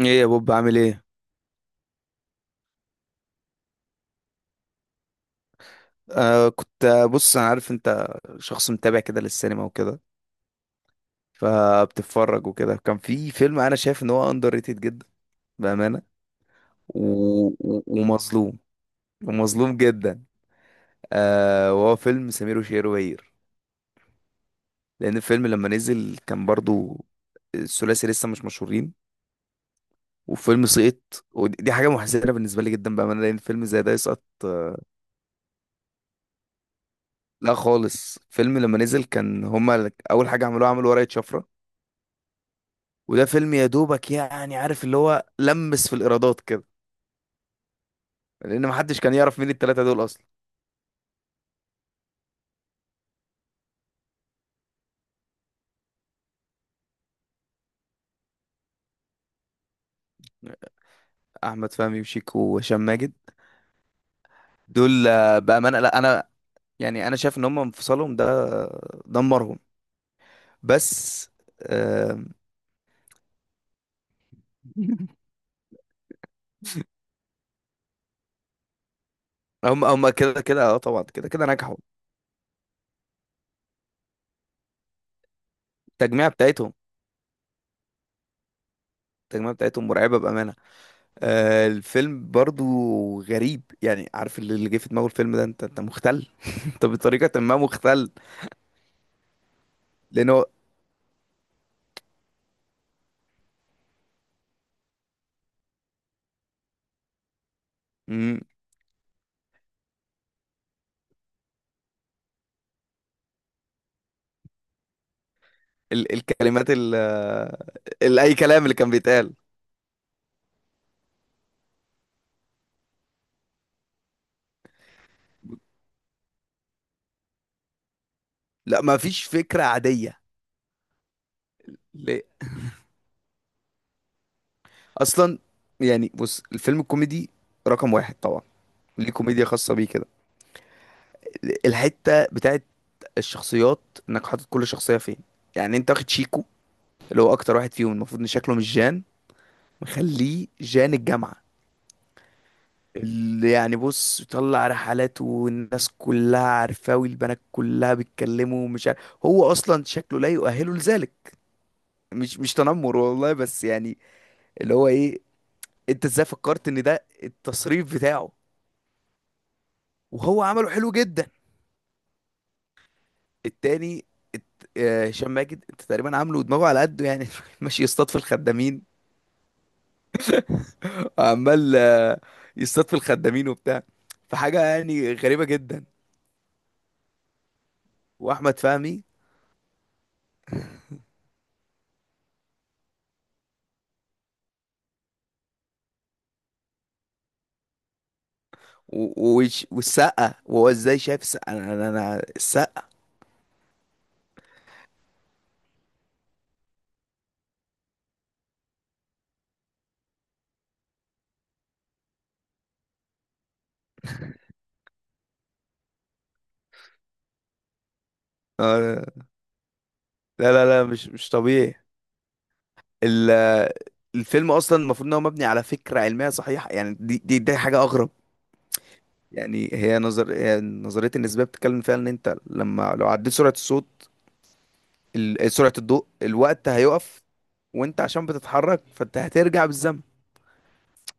ايه يا بوب عامل ايه؟ آه كنت آه، بص، انا عارف انت شخص متابع كده للسينما وكده، فبتتفرج وكده. كان في فيلم انا شايف ان هو اندر ريتد جدا بامانه و... ومظلوم، ومظلوم جدا. وهو فيلم سمير وشهير وبهير، لان الفيلم لما نزل كان برضو الثلاثي لسه مش مشهورين، وفيلم سقط. ودي حاجه محزنه بالنسبه لي جدا بامانه، لان فيلم زي ده يسقط لا خالص. فيلم لما نزل كان هما اول حاجه عملوها عملوا ورقه شفره، وده فيلم يا دوبك يعني عارف اللي هو لمس في الإيرادات كده، لأن محدش كان يعرف مين التلاتة دول أصلا. أحمد فهمي وشيكو وهشام ماجد، دول بأمانة. لا، أنا يعني أنا شايف إن هم انفصالهم ده دمرهم بس. آه، هم كده كده، اه طبعا كده كده نجحوا. التجميعة بتاعتهم التجميعة بتاعتهم مرعبة بأمانة. الفيلم برضو غريب، يعني عارف اللي جه في دماغه الفيلم ده، انت مختل انت بطريقة ما مختل، لأنه مم. ال الكلمات ال ال اي كلام اللي كان بيتقال. لا ما فيش فكرة عادية. ليه اصلا؟ يعني بص، الفيلم الكوميدي رقم واحد طبعا، ليه كوميديا خاصة بيه كده؟ الحتة بتاعت الشخصيات، انك حاطط كل شخصية فين. يعني انت واخد شيكو اللي هو اكتر واحد فيهم المفروض ان شكله مش جان، مخليه جان الجامعة، اللي يعني بص طلع رحلات والناس كلها عارفاه والبنات كلها بيتكلموا، ومش عارف هو اصلا شكله لا يؤهله لذلك. مش تنمر والله بس يعني اللي هو ايه، انت ازاي فكرت ان ده التصريف بتاعه؟ وهو عمله حلو جدا. التاني، هشام ماجد انت تقريبا عامله ودماغه على قده يعني ماشي يصطاد في الخدامين. عمال آه، يصطاد في الخدامين وبتاع، فحاجة يعني غريبة جدا. واحمد فهمي، والسقا. وهو ازاي شايف السقا؟ السقا آه، لا لا لا مش طبيعي. ال- الفيلم اصلا المفروض ان هو مبني على فكره علميه صحيحه، يعني دي حاجه اغرب. يعني هي نظريه النسبيه بتتكلم فيها ان انت لو عديت سرعه سرعه الضوء الوقت هيقف، وانت عشان بتتحرك فانت هترجع بالزمن.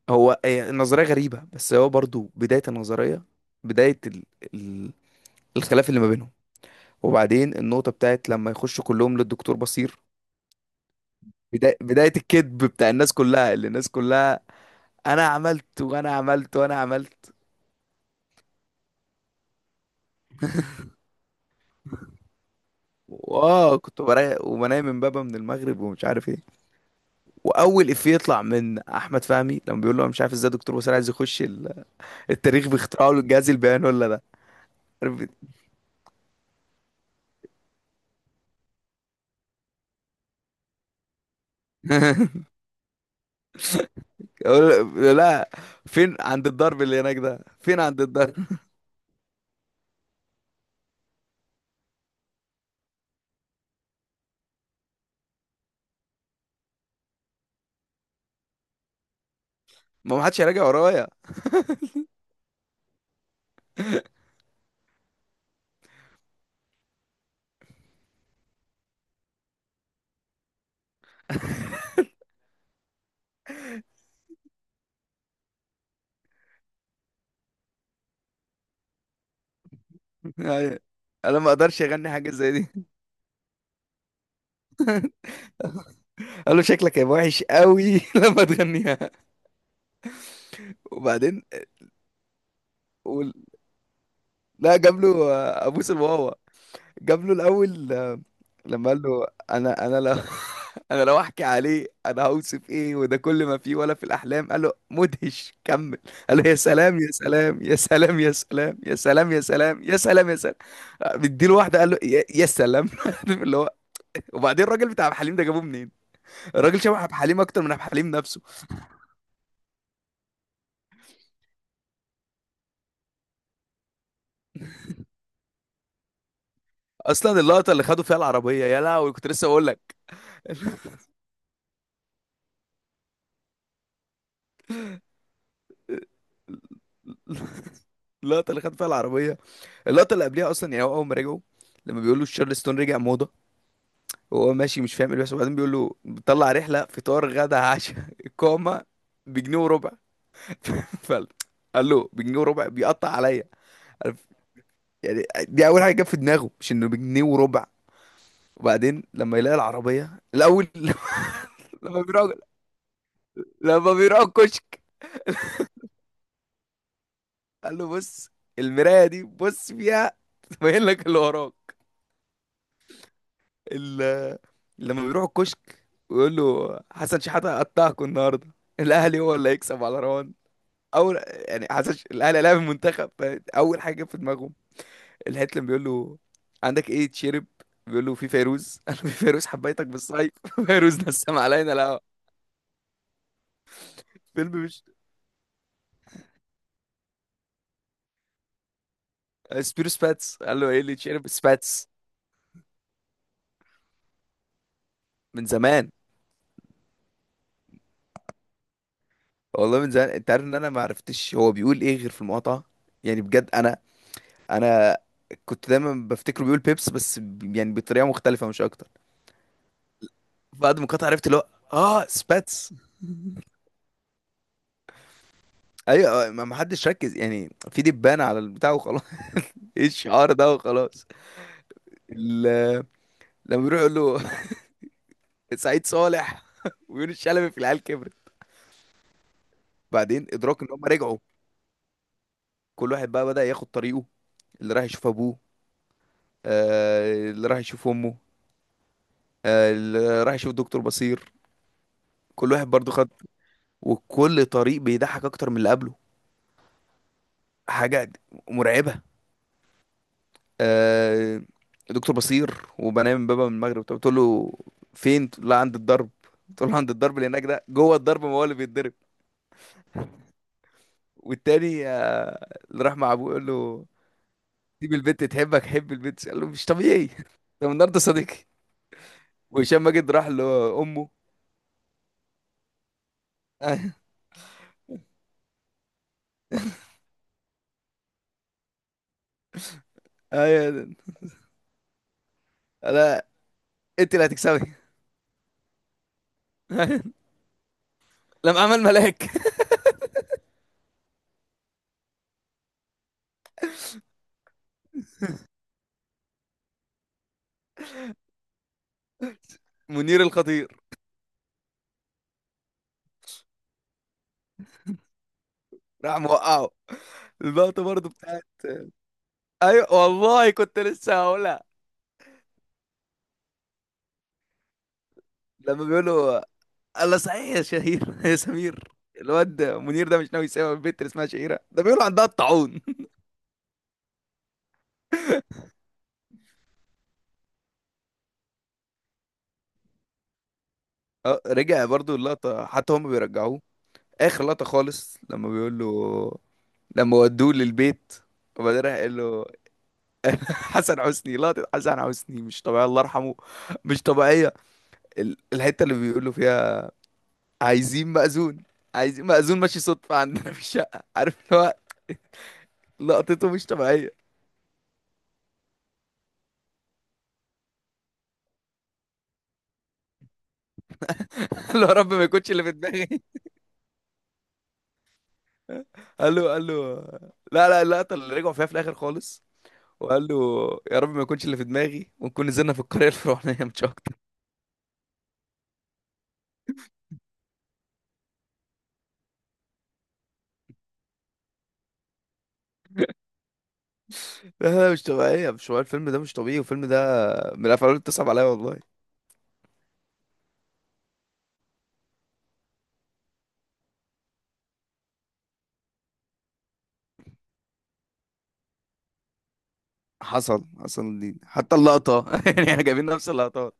هي النظريه غريبه، بس هو برضو بدايه النظريه، بدايه ال... ال... الخلاف اللي ما بينهم. وبعدين النقطه بتاعت لما يخشوا كلهم للدكتور بصير، بدايه الكذب بتاع الناس كلها، اللي الناس كلها: انا عملت وانا عملت وانا عملت. واه كنت بريق وبنام من بابا من المغرب ومش عارف ايه. واول افيه يطلع من احمد فهمي لما بيقول له: أنا مش عارف ازاي دكتور وسام عايز يخش التاريخ باختراعه للجهاز البياني ولا ده، عارف يقول له. لا، فين؟ عند الضرب اللي هناك ده؟ فين عند الضرب؟ ما ما حدش هيراجع ورايا. يعني انا ما اقدرش اغني حاجه زي دي. قال له: شكلك هيبقى وحش قوي لما تغنيها. وبعدين وال- لا، جاب له ابوس الواوا. جاب له الاول لما قال له: انا انا لو انا لو احكي عليه انا هوصف ايه وده كل ما فيه ولا في الاحلام. قال له: مدهش كمل. قال له: يا سلام يا سلام يا سلام يا سلام يا سلام يا سلام يا سلام يا سلام. مديله واحده قال له: يا سلام عارف اللي هو. وبعدين الراجل بتاع عبد الحليم ده جابوه منين؟ الراجل شبه عبد الحليم اكتر من عبد الحليم نفسه. اصلا اللقطه اللي خدوا فيها العربيه يا لهوي، كنت لسه اقول لك اللقطه اللي خدوا فيها العربيه. اللقطه اللي قبلها اصلا، يعني هو اول ما رجعوا لما بيقولوا تشارلستون رجع موضه، وهو ماشي مش فاهم ايه اللي بيحصل. وبعدين بيقول له بيطلع رحله فطار غدا عشاء اقامه بجنيه وربع. فقال، قال له: بجنيه وربع بيقطع عليا، عارف يعني. دي اول حاجه جت في دماغه مش انه بجنيه وربع. وبعدين لما يلاقي العربيه الاول. لما بيراجع، لما بيراجع الكشك قال له: بص المرايه دي بص فيها تبين لك اللي وراك. ال- لما بيروح الكشك ويقول له: حسن شحاته قطعكوا النهارده، الاهلي هو اللي هيكسب على روان. اول يعني الاهلي لعب المنتخب، فاول حاجه جت في دماغهم. الهيتلر بيقول له: عندك ايه تشرب؟ بيقول له: في فيروز قال له: في فيروز حبيتك بالصيف فيروز نسم علينا لا فيلم مش. سبيرو سباتس قال له: ايه اللي تشرب؟ سباتس من زمان. والله من زمان انت عارف ان انا ما عرفتش هو بيقول ايه غير في المقاطعه. يعني بجد انا كنت دايما بفتكره بيقول بيبس، يعني بطريقه مختلفه مش اكتر. بعد ما المقاطعه عرفت اللي هو اه سباتس. ايوه، ما حدش ركز يعني، في دبانه على البتاع وخلاص، ايه الشعار ده وخلاص. ال- لما بيروح يقول له سعيد صالح ويونس شلبي في العيال كبرت. بعدين ادراك ان هم رجعوا، كل واحد بقى بدأ ياخد طريقه: اللي راح يشوف ابوه، اللي راح يشوف امه، اللي راح يشوف دكتور بصير. كل واحد برضو خد، وكل طريق بيضحك اكتر من اللي قبله. حاجة مرعبة. آه، دكتور بصير وبنام من بابا من المغرب، طب بتقول له فين؟ لا عند الضرب. تقول له عند الضرب اللي هناك ده، جوه الضرب ما هو اللي بيتضرب. والتاني اللي راح مع ابوه يقول له: سيب البنت تحبك حب البنت. قال له: مش طبيعي ده من النهارده صديقي. وهشام ماجد راح لامه. ايوه، أيوة. انا، انت اللي هتكسبي. أيوة. لما عمل ملاك منير الخطير، راح موقعه. اللقطه برضه بتاعت، ايوه والله كنت لسه هقولها، لما بيقولوا: الله صحيح يا شهير يا سمير، الواد منير ده مش ناوي يسيب البنت اللي اسمها شهيره ده، بيقولوا عندها الطاعون. رجع برضو اللقطه، حتى هم بيرجعوه. اخر لقطه خالص لما بيقول له، لما ودوه للبيت، وبعدين راح قال له. حسن حسني، لقطه حسن حسني مش طبيعيه، الله يرحمه، مش طبيعيه. الحته اللي بيقول له فيها: عايزين مأذون. ماشي صدفه عندنا في الشقه، عارف اللي هو، لقطته مش طبيعيه. قال له: يا رب ما يكونش اللي في دماغي. قال له لا لا، اللقطه اللي رجعوا فيها في الاخر خالص، وقال له: يا رب ما يكونش اللي في دماغي ونكون نزلنا في القريه الفرعونيه مش اكتر. لا لا، مش طبيعية، مش طبيعية. الفيلم ده مش طبيعي، والفيلم ده من الافلام اللي بتصعب عليا والله. حصل الدين حتى اللقطه يعني احنا جايبين نفس اللقطات.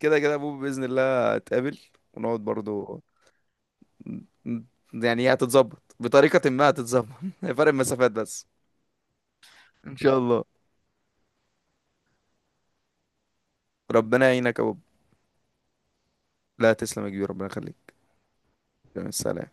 كده كده ابوه باذن الله هتقابل ونقعد برضو ن- يعني هي هتتظبط، بطريقه ما هتتظبط فرق المسافات بس. ان شاء الله. ربنا يعينك يا بوب. لا تسلم يا كبير، ربنا يخليك. سلام.